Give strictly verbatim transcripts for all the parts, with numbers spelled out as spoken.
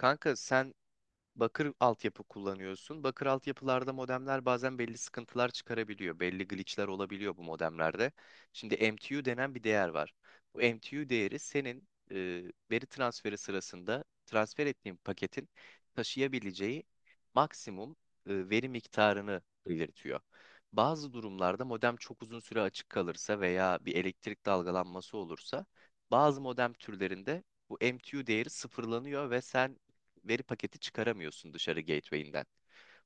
Kanka sen bakır altyapı kullanıyorsun. Bakır altyapılarda modemler bazen belli sıkıntılar çıkarabiliyor. Belli glitchler olabiliyor bu modemlerde. Şimdi M T U denen bir değer var. Bu M T U değeri senin e, veri transferi sırasında transfer ettiğin paketin taşıyabileceği maksimum e, veri miktarını belirtiyor. Bazı durumlarda modem çok uzun süre açık kalırsa veya bir elektrik dalgalanması olursa bazı modem türlerinde bu M T U değeri sıfırlanıyor ve sen veri paketi çıkaramıyorsun dışarı gateway'inden.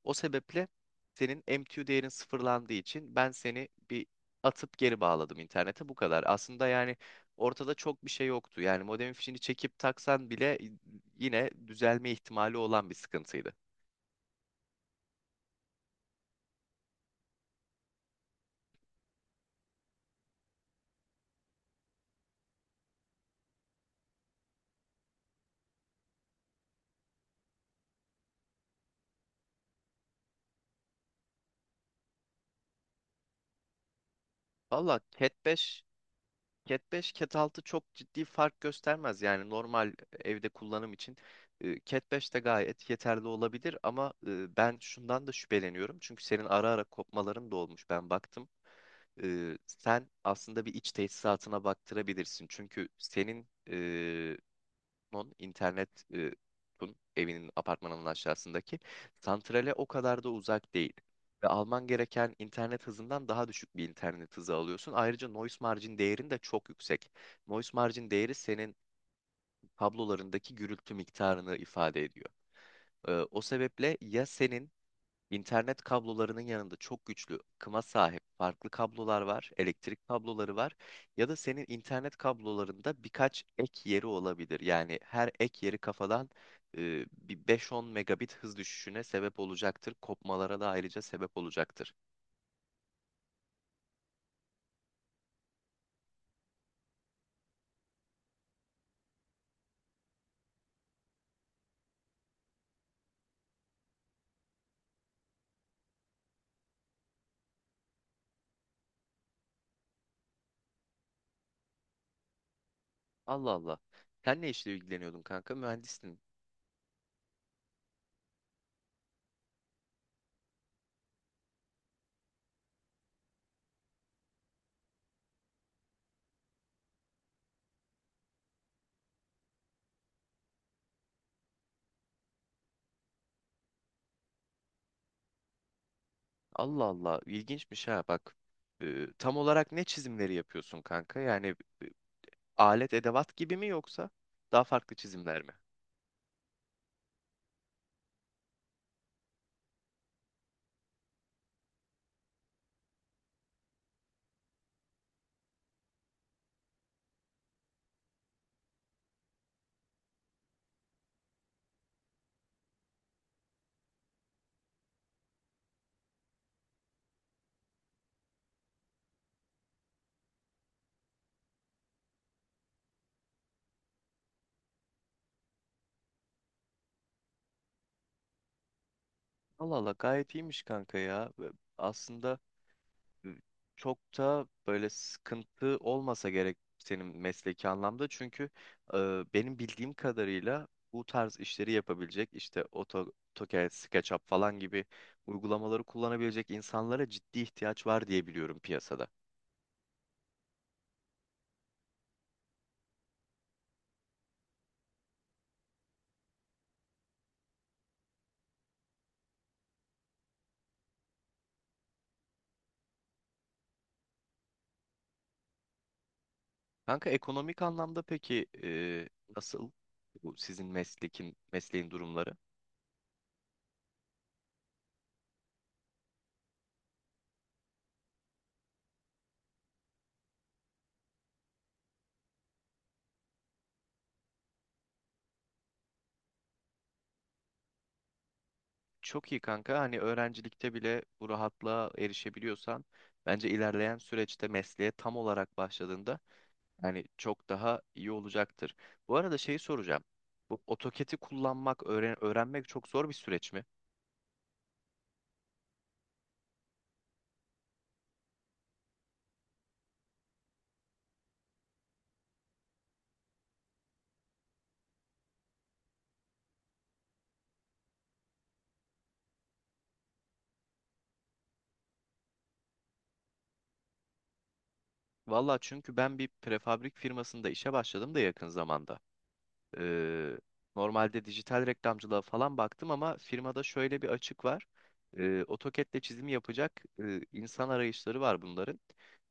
O sebeple senin M T U değerin sıfırlandığı için ben seni bir atıp geri bağladım internete, bu kadar. Aslında yani ortada çok bir şey yoktu. Yani modemin fişini çekip taksan bile yine düzelme ihtimali olan bir sıkıntıydı. Valla Cat 5 Cat 5, Cat 6 çok ciddi fark göstermez. Yani normal e, evde kullanım için e, Cat 5 de gayet yeterli olabilir, ama e, ben şundan da şüpheleniyorum. Çünkü senin ara ara kopmaların da olmuş. Ben baktım. E, Sen aslında bir iç tesisatına baktırabilirsin. Çünkü senin e, non internet e, tun- evinin apartmanının aşağısındaki santrale o kadar da uzak değil. Ve alman gereken internet hızından daha düşük bir internet hızı alıyorsun. Ayrıca noise margin değerin de çok yüksek. Noise margin değeri senin kablolarındaki gürültü miktarını ifade ediyor. Ee, o sebeple ya senin İnternet kablolarının yanında çok güçlü kıma sahip farklı kablolar var, elektrik kabloları var, ya da senin internet kablolarında birkaç ek yeri olabilir. Yani her ek yeri kafadan e, bir beş-on megabit hız düşüşüne sebep olacaktır. Kopmalara da ayrıca sebep olacaktır. Allah Allah. Sen ne işle ilgileniyordun kanka? Mühendistin. Allah Allah. İlginçmiş ha bak. E, tam olarak ne çizimleri yapıyorsun kanka? Yani e, alet edevat gibi mi, yoksa daha farklı çizimler mi? Allah Allah, gayet iyiymiş kanka ya. Ve aslında e, çok da böyle sıkıntı olmasa gerek senin mesleki anlamda. Çünkü e, benim bildiğim kadarıyla bu tarz işleri yapabilecek, işte Auto- AutoCAD, SketchUp falan gibi uygulamaları kullanabilecek insanlara ciddi ihtiyaç var diye biliyorum piyasada. Kanka ekonomik anlamda peki e, nasıl bu sizin meslekin, mesleğin durumları? Çok iyi kanka. Hani öğrencilikte bile bu rahatlığa erişebiliyorsan, bence ilerleyen süreçte mesleğe tam olarak başladığında hani çok daha iyi olacaktır. Bu arada şeyi soracağım. Bu AutoCAD'i kullanmak, öğren öğrenmek çok zor bir süreç mi? Valla, çünkü ben bir prefabrik firmasında işe başladım da yakın zamanda. Ee, Normalde dijital reklamcılığa falan baktım, ama firmada şöyle bir açık var. Ee, AutoCAD'le çizimi yapacak e, insan arayışları var bunların.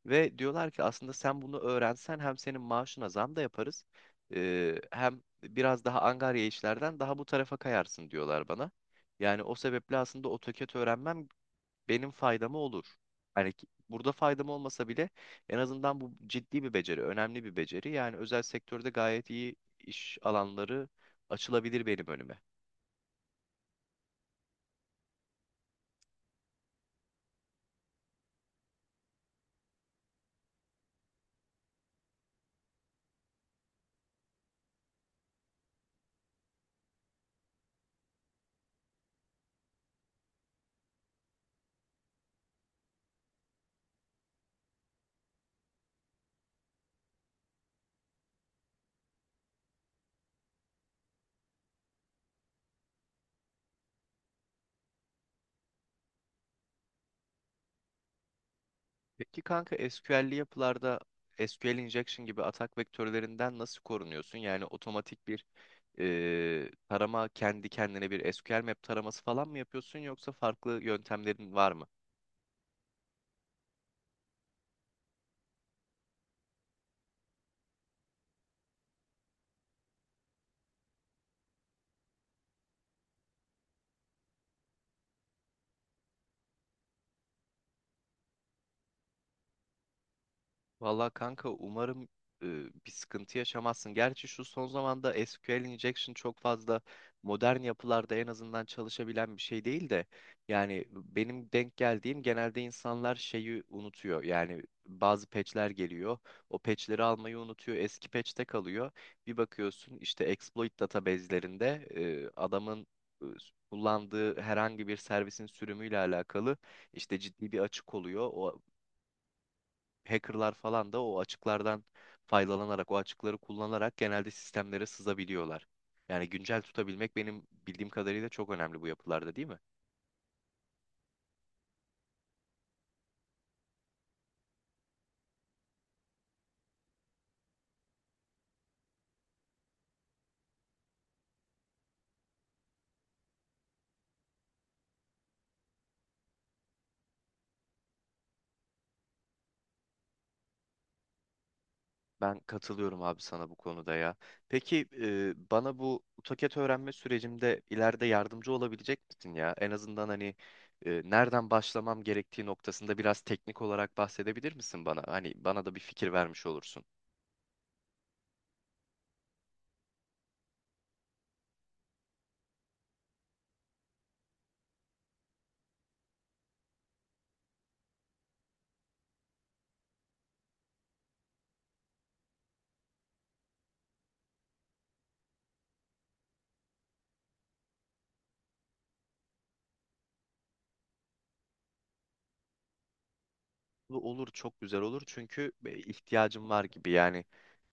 Ve diyorlar ki aslında sen bunu öğrensen hem senin maaşına zam da yaparız, e, hem biraz daha angarya işlerden daha bu tarafa kayarsın diyorlar bana. Yani o sebeple aslında AutoCAD öğrenmem benim faydama olur. Hani ki- burada faydam olmasa bile en azından bu ciddi bir beceri, önemli bir beceri. Yani özel sektörde gayet iyi iş alanları açılabilir benim önüme. Peki kanka S Q L'li yapılarda S Q L injection gibi atak vektörlerinden nasıl korunuyorsun? Yani otomatik bir e, tarama, kendi kendine bir S Q L map taraması falan mı yapıyorsun, yoksa farklı yöntemlerin var mı? Valla kanka, umarım e, bir sıkıntı yaşamazsın. Gerçi şu son zamanda S Q L injection çok fazla modern yapılarda en azından çalışabilen bir şey değil de, yani benim denk geldiğim genelde insanlar şeyi unutuyor. Yani bazı patchler geliyor. O patchleri almayı unutuyor. Eski patchte kalıyor. Bir bakıyorsun, işte exploit database'lerinde e, adamın e, kullandığı herhangi bir servisin sürümüyle alakalı işte ciddi bir açık oluyor. O hackerlar falan da o açıklardan faydalanarak, o açıkları kullanarak genelde sistemlere sızabiliyorlar. Yani güncel tutabilmek benim bildiğim kadarıyla çok önemli bu yapılarda, değil mi? Ben katılıyorum abi sana bu konuda ya. Peki e, bana bu AutoCAD öğrenme sürecimde ileride yardımcı olabilecek misin ya? En azından hani e, nereden başlamam gerektiği noktasında biraz teknik olarak bahsedebilir misin bana? Hani bana da bir fikir vermiş olursun. Bu olur, çok güzel olur, çünkü e, ihtiyacım var gibi yani.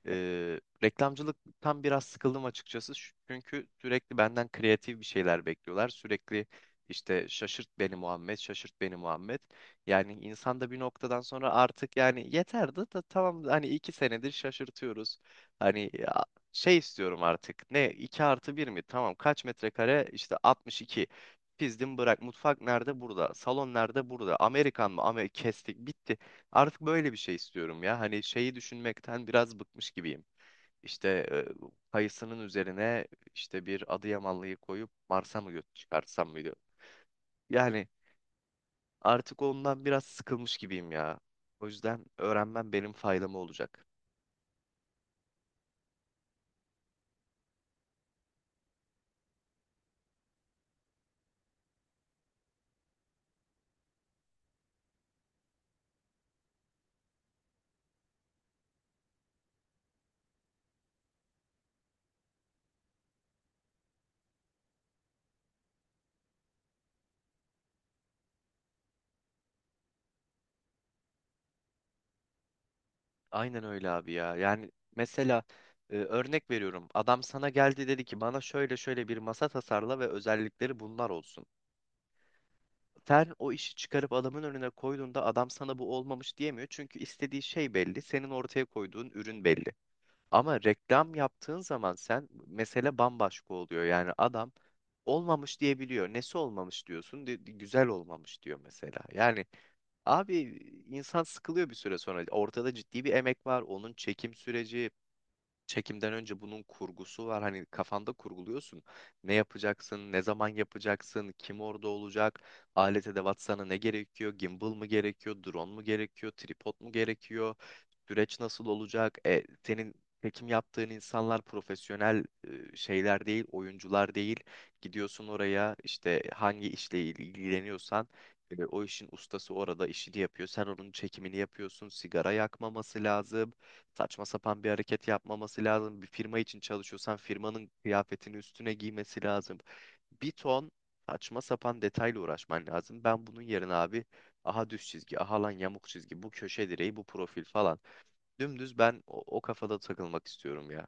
Ee, reklamcılıktan biraz sıkıldım açıkçası. Çünkü sürekli benden kreatif bir şeyler bekliyorlar. Sürekli işte şaşırt beni Muhammed, şaşırt beni Muhammed. Yani insan da bir noktadan sonra artık yani yeterdi da, tamam, hani iki senedir şaşırtıyoruz. Hani ya, şey istiyorum artık. Ne, iki artı bir mi? Tamam, kaç metrekare? İşte altmış iki. Pizdim bırak. Mutfak nerede? Burada. Salon nerede? Burada. Amerikan mı? Ama kestik. Bitti. Artık böyle bir şey istiyorum ya. Hani şeyi düşünmekten biraz bıkmış gibiyim. İşte e, kayısının üzerine işte bir Adıyamanlıyı koyup Mars'a mı göt çıkartsam mıydı? Yani artık ondan biraz sıkılmış gibiyim ya. O yüzden öğrenmem benim faydama olacak. Aynen öyle abi ya. Yani mesela e, örnek veriyorum. Adam sana geldi, dedi ki bana şöyle şöyle bir masa tasarla ve özellikleri bunlar olsun. Sen o işi çıkarıp adamın önüne koyduğunda, adam sana bu olmamış diyemiyor. Çünkü istediği şey belli. Senin ortaya koyduğun ürün belli. Ama reklam yaptığın zaman, sen, mesele bambaşka oluyor. Yani adam olmamış diyebiliyor. Nesi olmamış diyorsun? De- güzel olmamış diyor mesela. Yani abi, insan sıkılıyor bir süre sonra. Ortada ciddi bir emek var. Onun çekim süreci, çekimden önce bunun kurgusu var. Hani kafanda kurguluyorsun. Ne yapacaksın, ne zaman yapacaksın, kim orada olacak, alet edevat sana ne gerekiyor, gimbal mı gerekiyor, drone mu gerekiyor, tripod mu gerekiyor, süreç nasıl olacak? E, senin çekim yaptığın insanlar profesyonel e, şeyler değil, oyuncular değil. Gidiyorsun oraya, işte hangi işle ilgileniyorsan e, o işin ustası orada işini yapıyor. Sen onun çekimini yapıyorsun. Sigara yakmaması lazım. Saçma sapan bir hareket yapmaması lazım. Bir firma için çalışıyorsan firmanın kıyafetini üstüne giymesi lazım. Bir ton saçma sapan detayla uğraşman lazım. Ben bunun yerine abi, aha düz çizgi, aha lan yamuk çizgi, bu köşe direği, bu profil falan. Dümdüz ben o, o kafada takılmak istiyorum ya.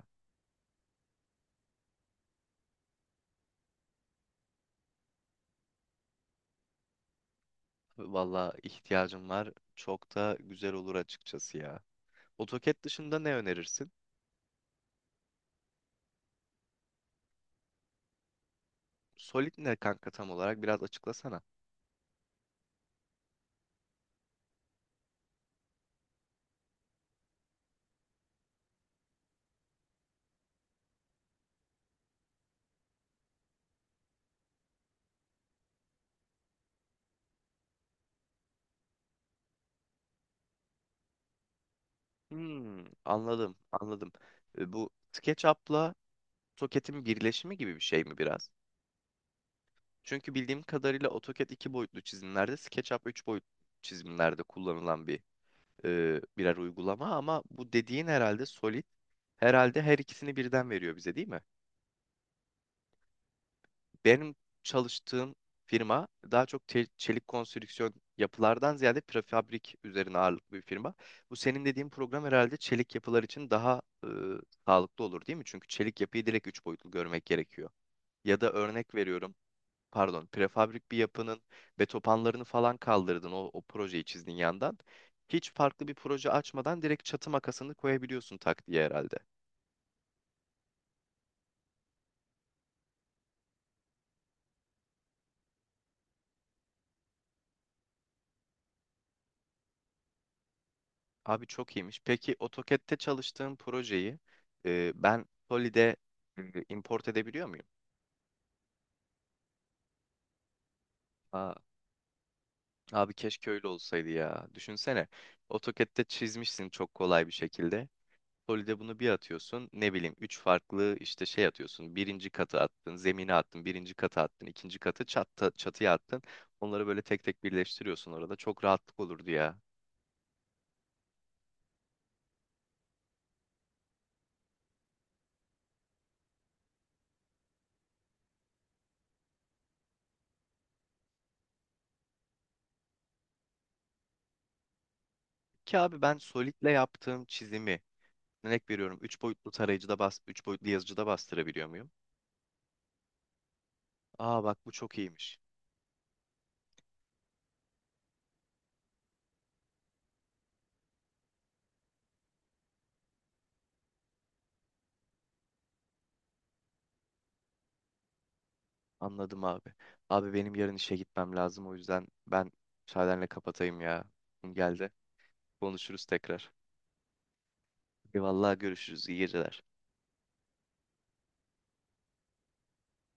Valla ihtiyacım var. Çok da güzel olur açıkçası ya. AutoCAD dışında ne önerirsin? Solid ne kanka tam olarak, biraz açıklasana. Hmm, anladım, anladım. E, Bu SketchUp'la AutoCAD'in birleşimi gibi bir şey mi biraz? Çünkü bildiğim kadarıyla AutoCAD iki boyutlu çizimlerde, SketchUp üç boyutlu çizimlerde kullanılan bir e, birer uygulama, ama bu dediğin herhalde Solid, herhalde her ikisini birden veriyor bize, değil mi? Benim çalıştığım firma daha çok te- çelik konstrüksiyon yapılardan ziyade prefabrik üzerine ağırlıklı bir firma. Bu senin dediğin program herhalde çelik yapılar için daha e, sağlıklı olur, değil mi? Çünkü çelik yapıyı direkt üç boyutlu görmek gerekiyor. Ya da örnek veriyorum, pardon, prefabrik bir yapının betopanlarını falan kaldırdın, o, o projeyi çizdin yandan. Hiç farklı bir proje açmadan direkt çatı makasını koyabiliyorsun tak diye herhalde. Abi çok iyiymiş. Peki AutoCAD'te çalıştığım projeyi e, ben Solid'e e, import edebiliyor muyum? Aa, abi, keşke öyle olsaydı ya. Düşünsene, AutoCAD'te çizmişsin çok kolay bir şekilde. Solide bunu bir atıyorsun. Ne bileyim üç farklı işte şey atıyorsun. Birinci katı attın, zemine attın, birinci katı attın, ikinci katı çatı, çatıya attın. Onları böyle tek tek birleştiriyorsun orada. Çok rahatlık olurdu ya. Ki abi, ben Solid'le yaptığım çizimi, örnek veriyorum, üç boyutlu tarayıcıda bas, üç boyutlu yazıcıda bastırabiliyor muyum? Aa bak, bu çok iyiymiş. Anladım abi. Abi benim yarın işe gitmem lazım. O yüzden ben müsaadenle kapatayım ya. Geldi. Konuşuruz tekrar. Eyvallah, görüşürüz. İyi geceler.